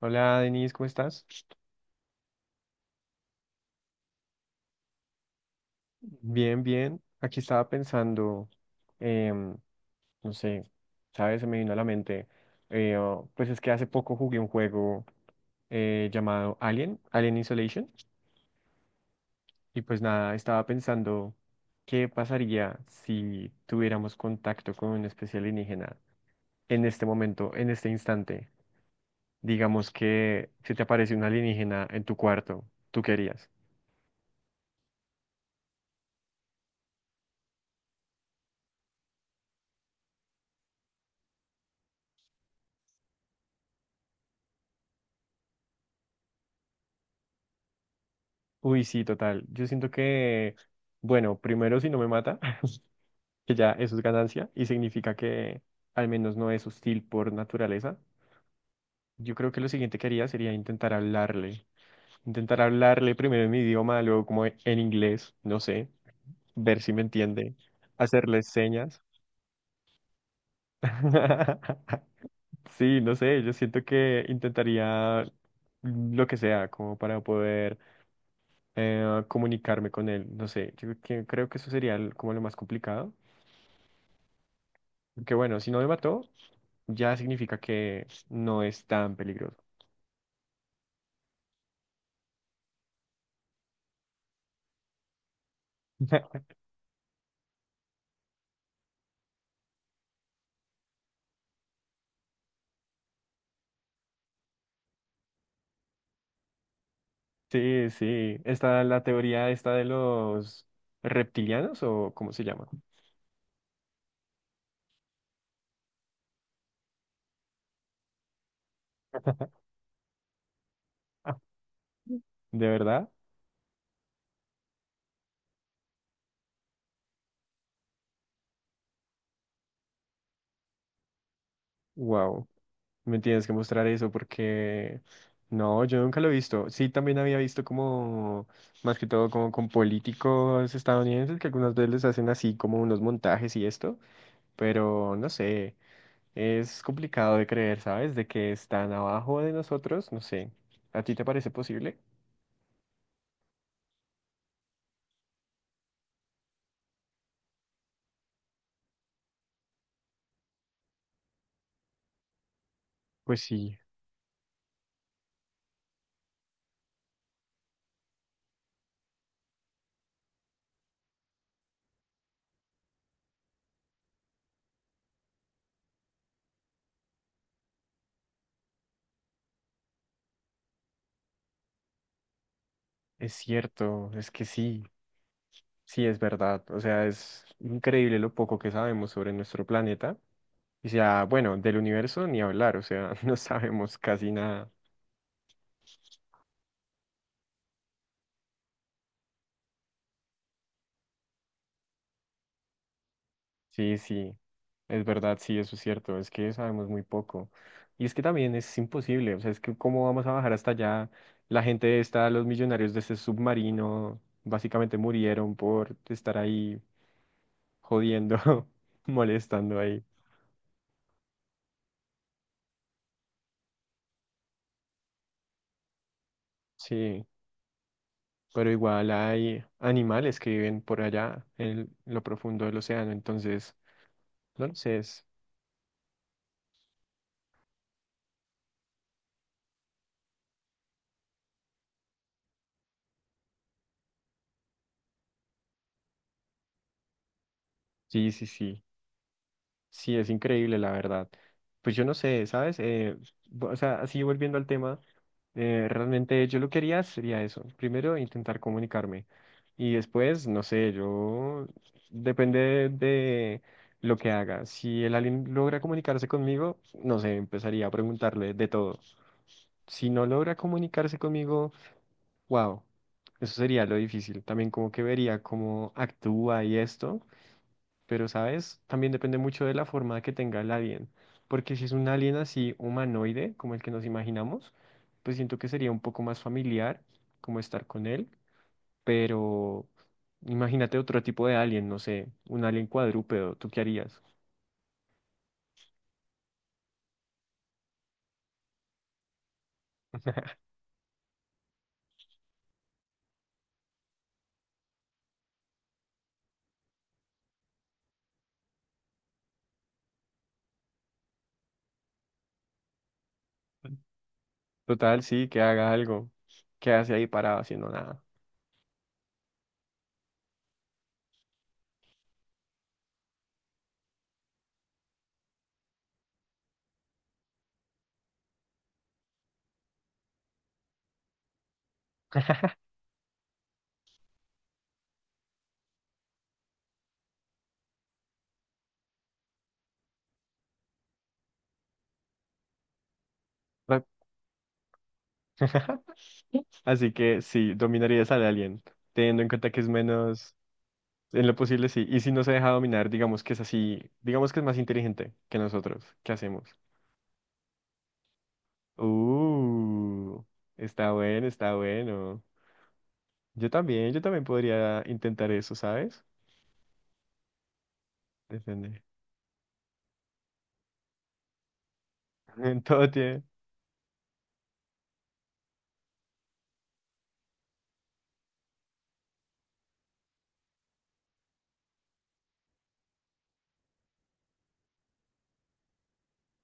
Hola Denise, ¿cómo estás? Bien, bien. Aquí estaba pensando, em, no sé, ¿sabes? Se me vino a la mente. Oh, pues es que hace poco jugué un juego llamado Alien, Alien Isolation. Y pues nada, estaba pensando qué pasaría si tuviéramos contacto con una especie alienígena en este momento, en este instante. Digamos que si te aparece un alienígena en tu cuarto, ¿tú qué harías? Uy, sí, total. Yo siento que, bueno, primero si no me mata. Que ya eso es ganancia y significa que al menos no es hostil por naturaleza. Yo creo que lo siguiente que haría sería intentar hablarle primero en mi idioma, luego como en inglés, no sé, ver si me entiende, hacerle señas. Sí, no sé, yo siento que intentaría lo que sea como para poder comunicarme con él, no sé, creo que eso sería como lo más complicado, que bueno, si no me mató, ya significa que no es tan peligroso. Sí, sí. Está la teoría esta de los reptilianos o cómo se llama. ¿De verdad? Wow. Me tienes que mostrar eso porque no, yo nunca lo he visto. Sí, también había visto como, más que todo, como con políticos estadounidenses que algunas veces les hacen así como unos montajes y esto, pero no sé. Es complicado de creer, ¿sabes? De que están abajo de nosotros, no sé. ¿A ti te parece posible? Pues sí, es cierto, es que sí, sí es verdad. O sea, es increíble lo poco que sabemos sobre nuestro planeta. Y sea, bueno, del universo ni hablar, o sea, no sabemos casi nada. Sí, sí, es verdad, sí, eso es cierto, es que sabemos muy poco. Y es que también es imposible, o sea, es que cómo vamos a bajar hasta allá. La gente está, los millonarios de ese submarino, básicamente murieron por estar ahí jodiendo, molestando ahí. Sí, pero igual hay animales que viven por allá, en lo profundo del océano, entonces, no lo sé, es- sí, sí, sí. Sí, es increíble, la verdad. Pues yo no sé, ¿sabes? O sea, así volviendo al tema, realmente yo lo que haría sería eso. Primero, intentar comunicarme. Y después, no sé, yo... Depende de lo que haga. Si el alien logra comunicarse conmigo, no sé, empezaría a preguntarle de todo. Si no logra comunicarse conmigo, wow, eso sería lo difícil. También como que vería cómo actúa y esto. Pero, ¿sabes? También depende mucho de la forma que tenga el alien. Porque si es un alien así humanoide, como el que nos imaginamos, pues siento que sería un poco más familiar como estar con él. Pero imagínate otro tipo de alien, no sé, un alien cuadrúpedo, ¿tú qué harías? Total, sí, que haga algo. Que hace ahí parado haciendo nada. Así que sí, dominarías al alien, teniendo en cuenta que es menos. En lo posible sí. Y si no se deja dominar, digamos que es así, digamos que es más inteligente que nosotros. ¿Qué hacemos? Uh, está bueno, está bueno. Yo también podría intentar eso, ¿sabes? Depende. En todo tiene-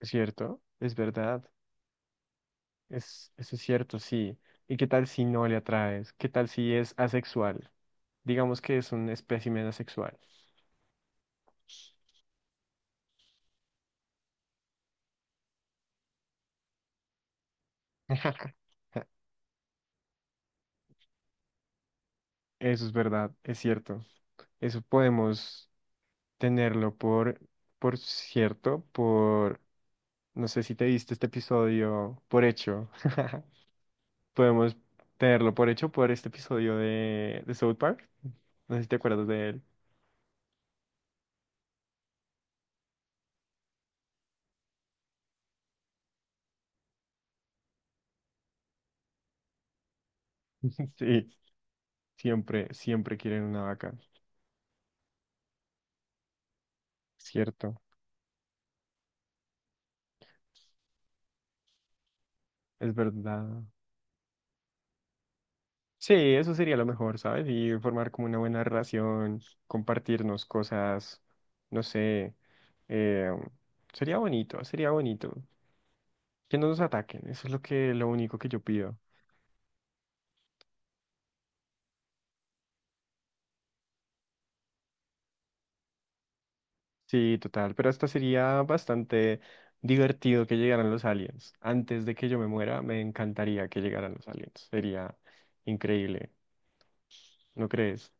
Es cierto, es verdad. Es, eso es cierto, sí. ¿Y qué tal si no le atraes? ¿Qué tal si es asexual? Digamos que es un espécimen asexual. Eso es verdad, es cierto. Eso podemos. Tenerlo por cierto, por, no sé si te viste este episodio por hecho, podemos tenerlo por hecho por este episodio de South Park, no sé si te acuerdas de él. Sí, siempre quieren una vaca, cierto, es verdad. Sí, eso sería lo mejor, ¿sabes? Y formar como una buena relación, compartirnos cosas, no sé, eh, sería bonito, sería bonito. Que no nos ataquen, eso es lo que, lo único que yo pido. Sí, total, pero hasta sería bastante divertido que llegaran los aliens. Antes de que yo me muera, me encantaría que llegaran los aliens. Sería increíble, ¿no crees?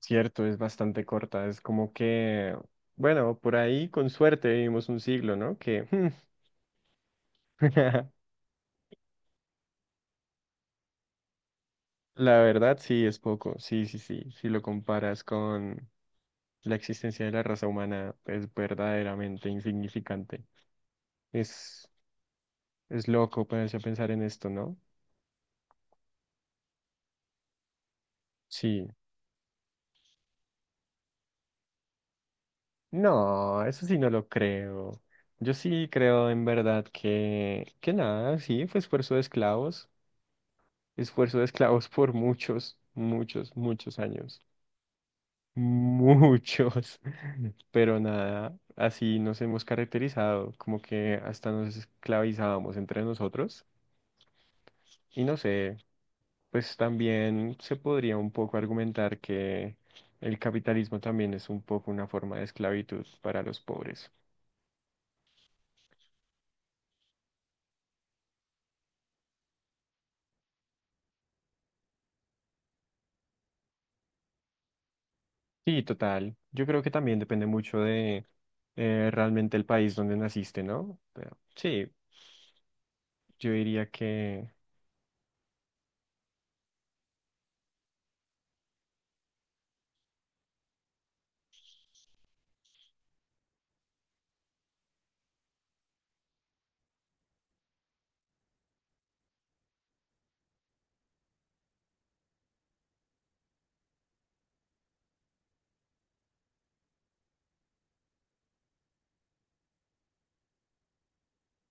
Cierto, es bastante corta, es como que, bueno, por ahí con suerte vivimos un siglo, ¿no? Que hmm, la verdad sí es poco, sí, sí, sí, si lo comparas con la existencia de la raza humana, es verdaderamente insignificante. Es, es loco ponerse a pensar en esto, ¿no? Sí. No, eso sí no lo creo. Yo sí creo en verdad que nada, sí, fue esfuerzo de esclavos por muchos, muchos, muchos años, muchos, pero nada, así nos hemos caracterizado, como que hasta nos esclavizábamos entre nosotros y no sé, pues también se podría un poco argumentar que el capitalismo también es un poco una forma de esclavitud para los pobres. Sí, total. Yo creo que también depende mucho de realmente el país donde naciste, ¿no? Pero sí, yo diría que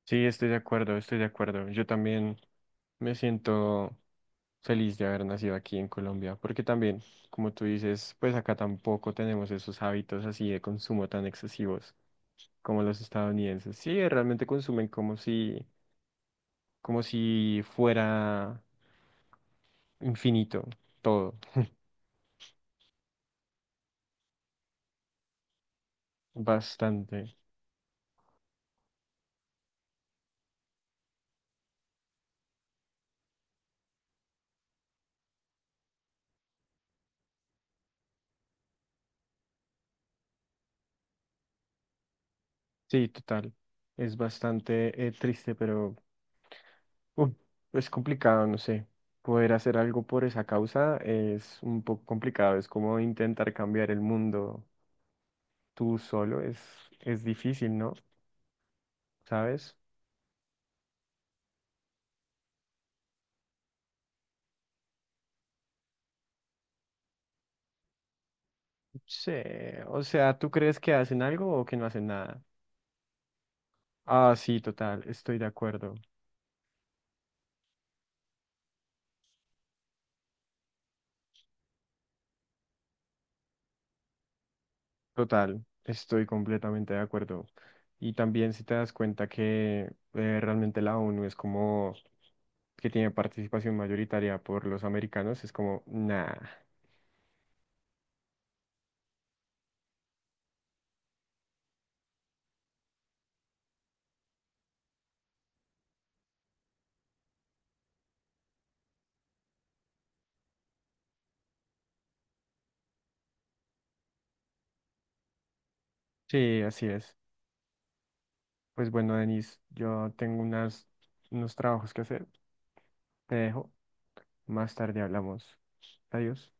sí, estoy de acuerdo. Yo también me siento feliz de haber nacido aquí en Colombia, porque también, como tú dices, pues acá tampoco tenemos esos hábitos así de consumo tan excesivos como los estadounidenses. Sí, realmente consumen como si fuera infinito todo, bastante. Sí, total. Es bastante triste, pero uf, es complicado, no sé. Poder hacer algo por esa causa es un poco complicado. Es como intentar cambiar el mundo tú solo. Es difícil, ¿no? ¿Sabes? Sí. O sea, ¿tú crees que hacen algo o que no hacen nada? Ah, sí, total. Estoy de acuerdo. Total, estoy completamente de acuerdo. Y también si te das cuenta que realmente la ONU es como que tiene participación mayoritaria por los americanos, es como, nah. Sí, así es. Pues bueno, Denis, yo tengo unas, unos trabajos que hacer. Te dejo. Más tarde hablamos. Adiós.